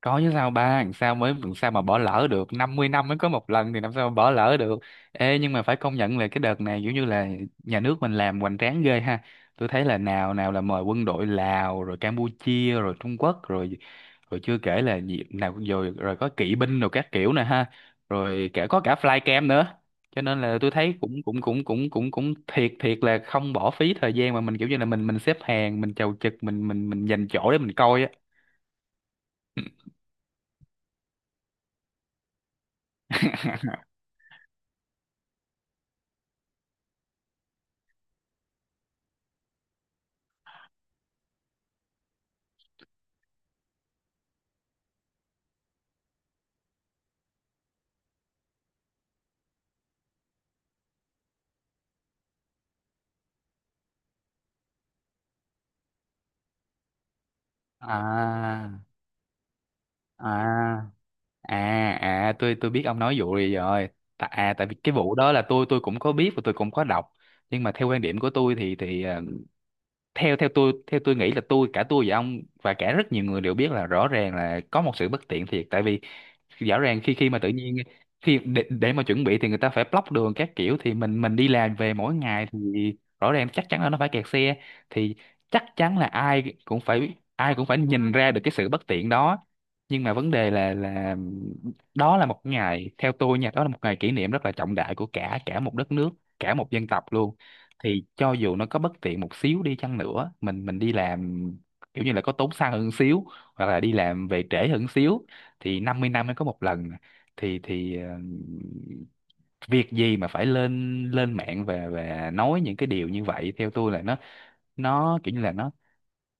Có chứ, sao ba làm sao mà bỏ lỡ được, 50 năm mới có một lần thì làm sao mà bỏ lỡ được. Ê, nhưng mà phải công nhận là cái đợt này kiểu như là nhà nước mình làm hoành tráng ghê ha. Tôi thấy là nào nào là mời quân đội Lào rồi Campuchia rồi Trung Quốc rồi, rồi chưa kể là gì nào, rồi rồi có kỵ binh rồi các kiểu nè ha, rồi cả có cả flycam nữa. Cho nên là tôi thấy cũng cũng cũng cũng cũng cũng thiệt thiệt là không bỏ phí thời gian mà mình kiểu như là mình xếp hàng, mình chầu chực, mình dành chỗ để mình coi á. à à à à, tôi biết ông nói vụ gì rồi. À, tại vì cái vụ đó là tôi cũng có biết và tôi cũng có đọc. Nhưng mà theo quan điểm của tôi thì theo theo tôi nghĩ là tôi, cả tôi và ông và cả rất nhiều người đều biết là rõ ràng là có một sự bất tiện thiệt, tại vì rõ ràng khi khi mà tự nhiên khi để mà chuẩn bị thì người ta phải block đường các kiểu, thì mình đi làm về mỗi ngày thì rõ ràng chắc chắn là nó phải kẹt xe. Thì chắc chắn là ai cũng phải nhìn ra được cái sự bất tiện đó. Nhưng mà vấn đề là đó là một ngày, theo tôi nha, đó là một ngày kỷ niệm rất là trọng đại của cả cả một đất nước, cả một dân tộc luôn. Thì cho dù nó có bất tiện một xíu đi chăng nữa, mình đi làm kiểu như là có tốn xăng hơn xíu, hoặc là đi làm về trễ hơn xíu, thì 50 năm mới có một lần thì việc gì mà phải lên lên mạng và nói những cái điều như vậy. Theo tôi là nó kiểu như là nó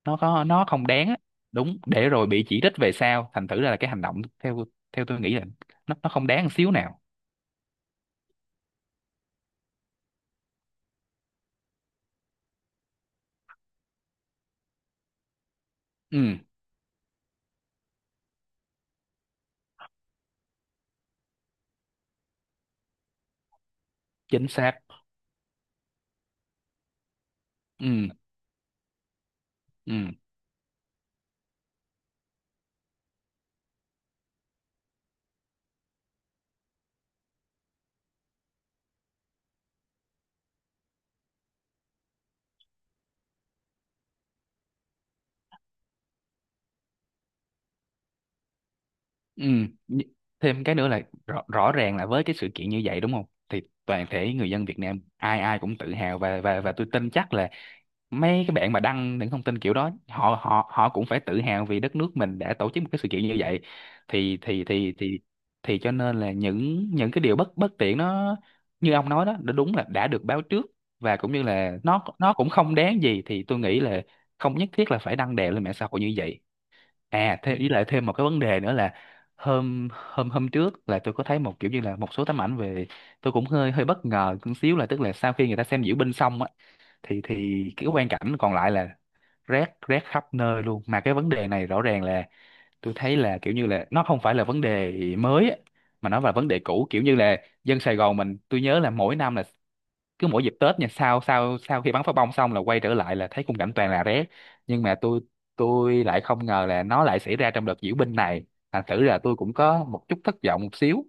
nó có nó không đáng á. Đúng, để rồi bị chỉ trích về sau, thành thử ra là cái hành động theo theo tôi nghĩ là nó không đáng một xíu nào. Ừ, chính xác. Ừ, ừ, ừ. Nh- Thêm cái nữa là rõ ràng là với cái sự kiện như vậy đúng không, thì toàn thể người dân Việt Nam ai ai cũng tự hào, và tôi tin chắc là mấy cái bạn mà đăng những thông tin kiểu đó, họ họ họ cũng phải tự hào vì đất nước mình đã tổ chức một cái sự kiện như vậy. Thì thì thì thì thì Cho nên là những cái điều bất bất tiện nó, như ông nói đó, nó đúng là đã được báo trước, và cũng như là nó cũng không đáng gì, thì tôi nghĩ là không nhất thiết là phải đăng đè lên mạng xã hội như vậy. À, thêm với lại thêm một cái vấn đề nữa là hôm hôm hôm trước là tôi có thấy một kiểu như là một số tấm ảnh về, tôi cũng hơi hơi bất ngờ một xíu, là tức là sau khi người ta xem diễu binh xong á thì cái quang cảnh còn lại là rác, rác khắp nơi luôn. Mà cái vấn đề này rõ ràng là tôi thấy là kiểu như là nó không phải là vấn đề mới á, mà nó là vấn đề cũ. Kiểu như là dân Sài Gòn mình, tôi nhớ là mỗi năm là cứ mỗi dịp Tết nha, sau sau sau khi bắn pháo bông xong là quay trở lại là thấy khung cảnh toàn là rác. Nhưng mà tôi lại không ngờ là nó lại xảy ra trong đợt diễu binh này. Thành thử là tôi cũng có một chút thất vọng một xíu.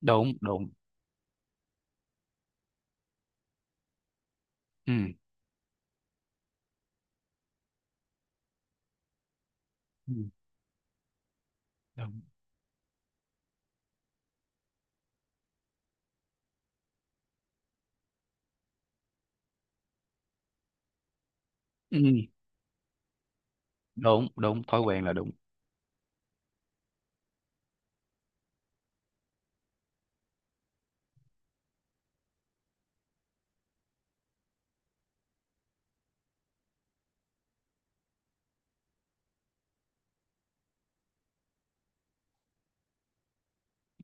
Đúng, đúng. Ừ. ừ, Đúng. ừ, Đúng, đúng, thói quen là đúng.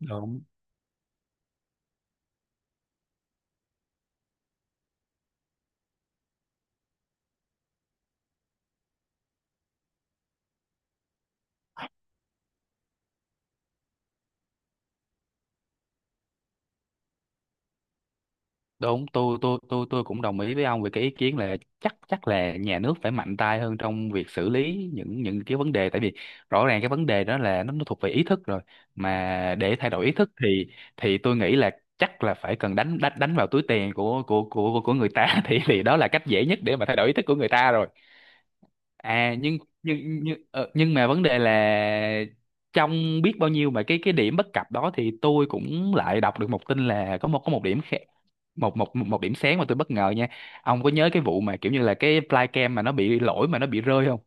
Đúng. Đúng, tôi cũng đồng ý với ông về cái ý kiến là chắc chắc là nhà nước phải mạnh tay hơn trong việc xử lý những cái vấn đề. Tại vì rõ ràng cái vấn đề đó là nó thuộc về ý thức rồi, mà để thay đổi ý thức thì tôi nghĩ là chắc là phải cần đánh đánh đánh vào túi tiền của người ta thì đó là cách dễ nhất để mà thay đổi ý thức của người ta rồi. À, nhưng mà vấn đề là trong biết bao nhiêu mà cái điểm bất cập đó, thì tôi cũng lại đọc được một tin là có một, có một điểm, một một một một điểm sáng mà tôi bất ngờ nha. Ông có nhớ cái vụ mà kiểu như là cái flycam mà nó bị lỗi mà nó bị rơi không?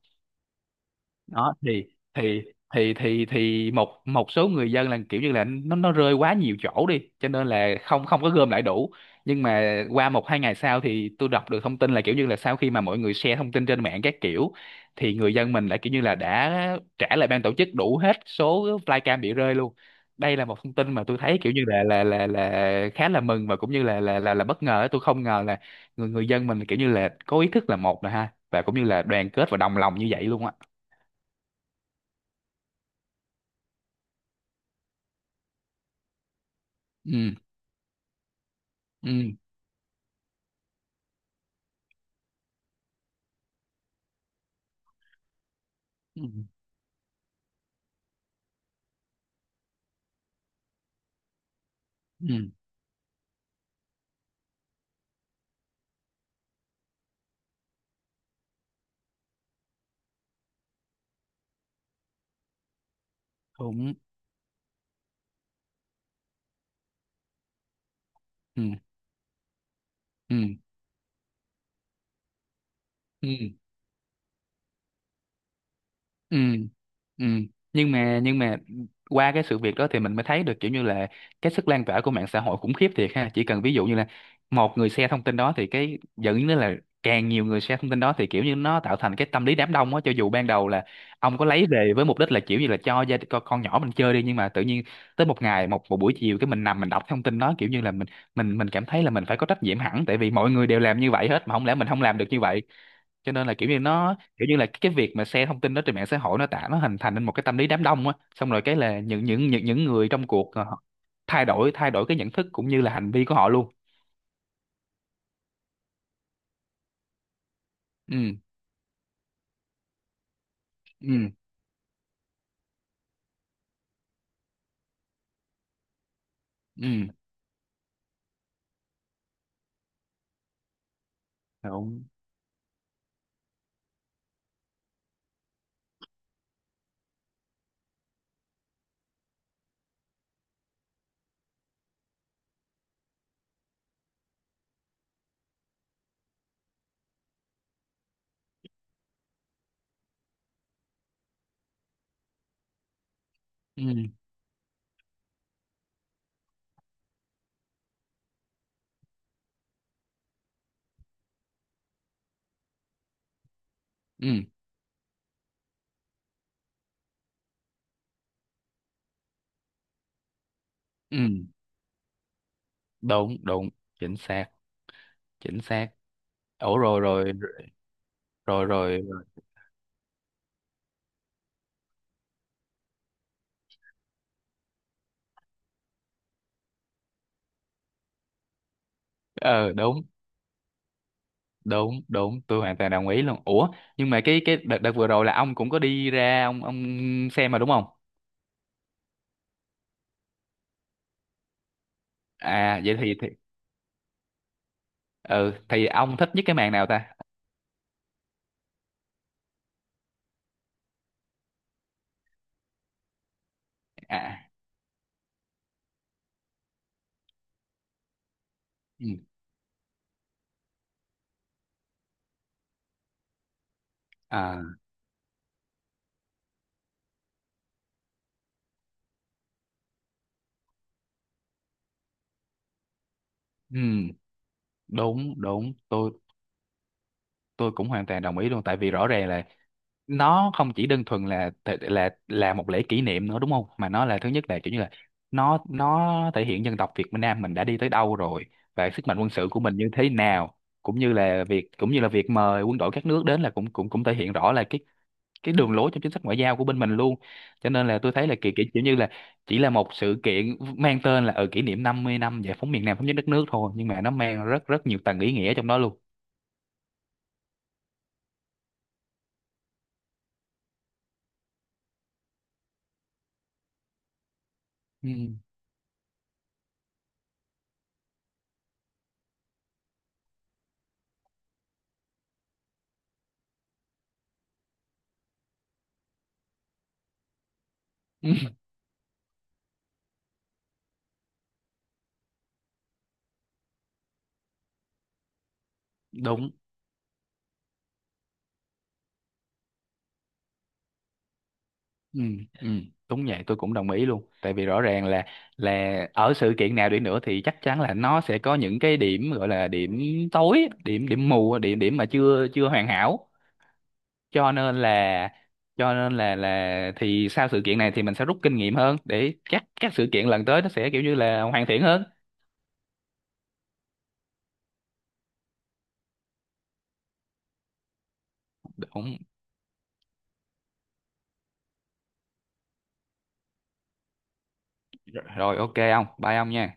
Đó, thì thì một, số người dân là kiểu như là nó rơi quá nhiều chỗ đi, cho nên là không không có gom lại đủ. Nhưng mà qua 1 2 ngày sau thì tôi đọc được thông tin là kiểu như là sau khi mà mọi người share thông tin trên mạng các kiểu, thì người dân mình lại kiểu như là đã trả lại ban tổ chức đủ hết số flycam bị rơi luôn. Đây là một thông tin mà tôi thấy kiểu như là khá là mừng, và cũng như là là bất ngờ. Tôi không ngờ là người người dân mình kiểu như là có ý thức là một rồi ha, và cũng như là đoàn kết và đồng lòng như vậy luôn á. Ừ, ừ, ừ, ừ, đúng, ừ, ừ, ừ, ừ, ừ. Nhưng mà Qua cái sự việc đó thì mình mới thấy được kiểu như là cái sức lan tỏa của mạng xã hội khủng khiếp thiệt ha. Chỉ cần ví dụ như là một người share thông tin đó, thì cái dẫn đến là càng nhiều người share thông tin đó, thì kiểu như nó tạo thành cái tâm lý đám đông á. Cho dù ban đầu là ông có lấy về với mục đích là kiểu như là cho con nhỏ mình chơi đi, nhưng mà tự nhiên tới một ngày, một buổi chiều cái mình nằm mình đọc thông tin đó, kiểu như là mình cảm thấy là mình phải có trách nhiệm hẳn, tại vì mọi người đều làm như vậy hết mà không lẽ mình không làm được như vậy. Cho nên là kiểu như nó kiểu như là cái việc mà share thông tin đó trên mạng xã hội, nó nó hình thành nên một cái tâm lý đám đông á, xong rồi cái là những người trong cuộc họ thay đổi, cái nhận thức cũng như là hành vi của họ luôn. Ừ, ừ, ừ, đúng, ừ, ừ, ừ, đúng, đúng, chính xác, chính xác. Ủa, rồi rồi rồi rồi. Ờ, đúng, đúng. Đúng, tôi hoàn toàn đồng ý luôn. Ủa, nhưng mà cái đợt đợt vừa rồi là ông cũng có đi ra, ông xem mà đúng không? À vậy thì ừ, thì ông thích nhất cái màn nào ta? À, ừ, à, ừ, đúng. Đúng, tôi cũng hoàn toàn đồng ý luôn. Tại vì rõ ràng là nó không chỉ đơn thuần là một lễ kỷ niệm nữa đúng không, mà nó là thứ nhất là kiểu như là nó thể hiện dân tộc Việt Nam mình đã đi tới đâu rồi, và sức mạnh quân sự của mình như thế nào. Cũng như là việc mời quân đội các nước đến, là cũng cũng cũng thể hiện rõ là cái đường lối trong chính sách ngoại giao của bên mình luôn. Cho nên là tôi thấy là kiểu, kiểu kiểu như là chỉ là một sự kiện mang tên là ở kỷ niệm 50 năm giải phóng miền Nam thống nhất đất nước thôi, nhưng mà nó mang rất rất nhiều tầng ý nghĩa trong đó luôn. Ừ. Ừ. Đúng. Ừ. Ừ. Đúng vậy, tôi cũng đồng ý luôn. Tại vì rõ ràng là ở sự kiện nào đi nữa thì chắc chắn là nó sẽ có những cái điểm, gọi là điểm tối, điểm điểm mù, điểm điểm mà chưa chưa hoàn hảo. Cho nên là thì sau sự kiện này thì mình sẽ rút kinh nghiệm hơn, để các sự kiện lần tới nó sẽ kiểu như là hoàn thiện hơn. Đúng. Rồi, ok, ông bye ông nha.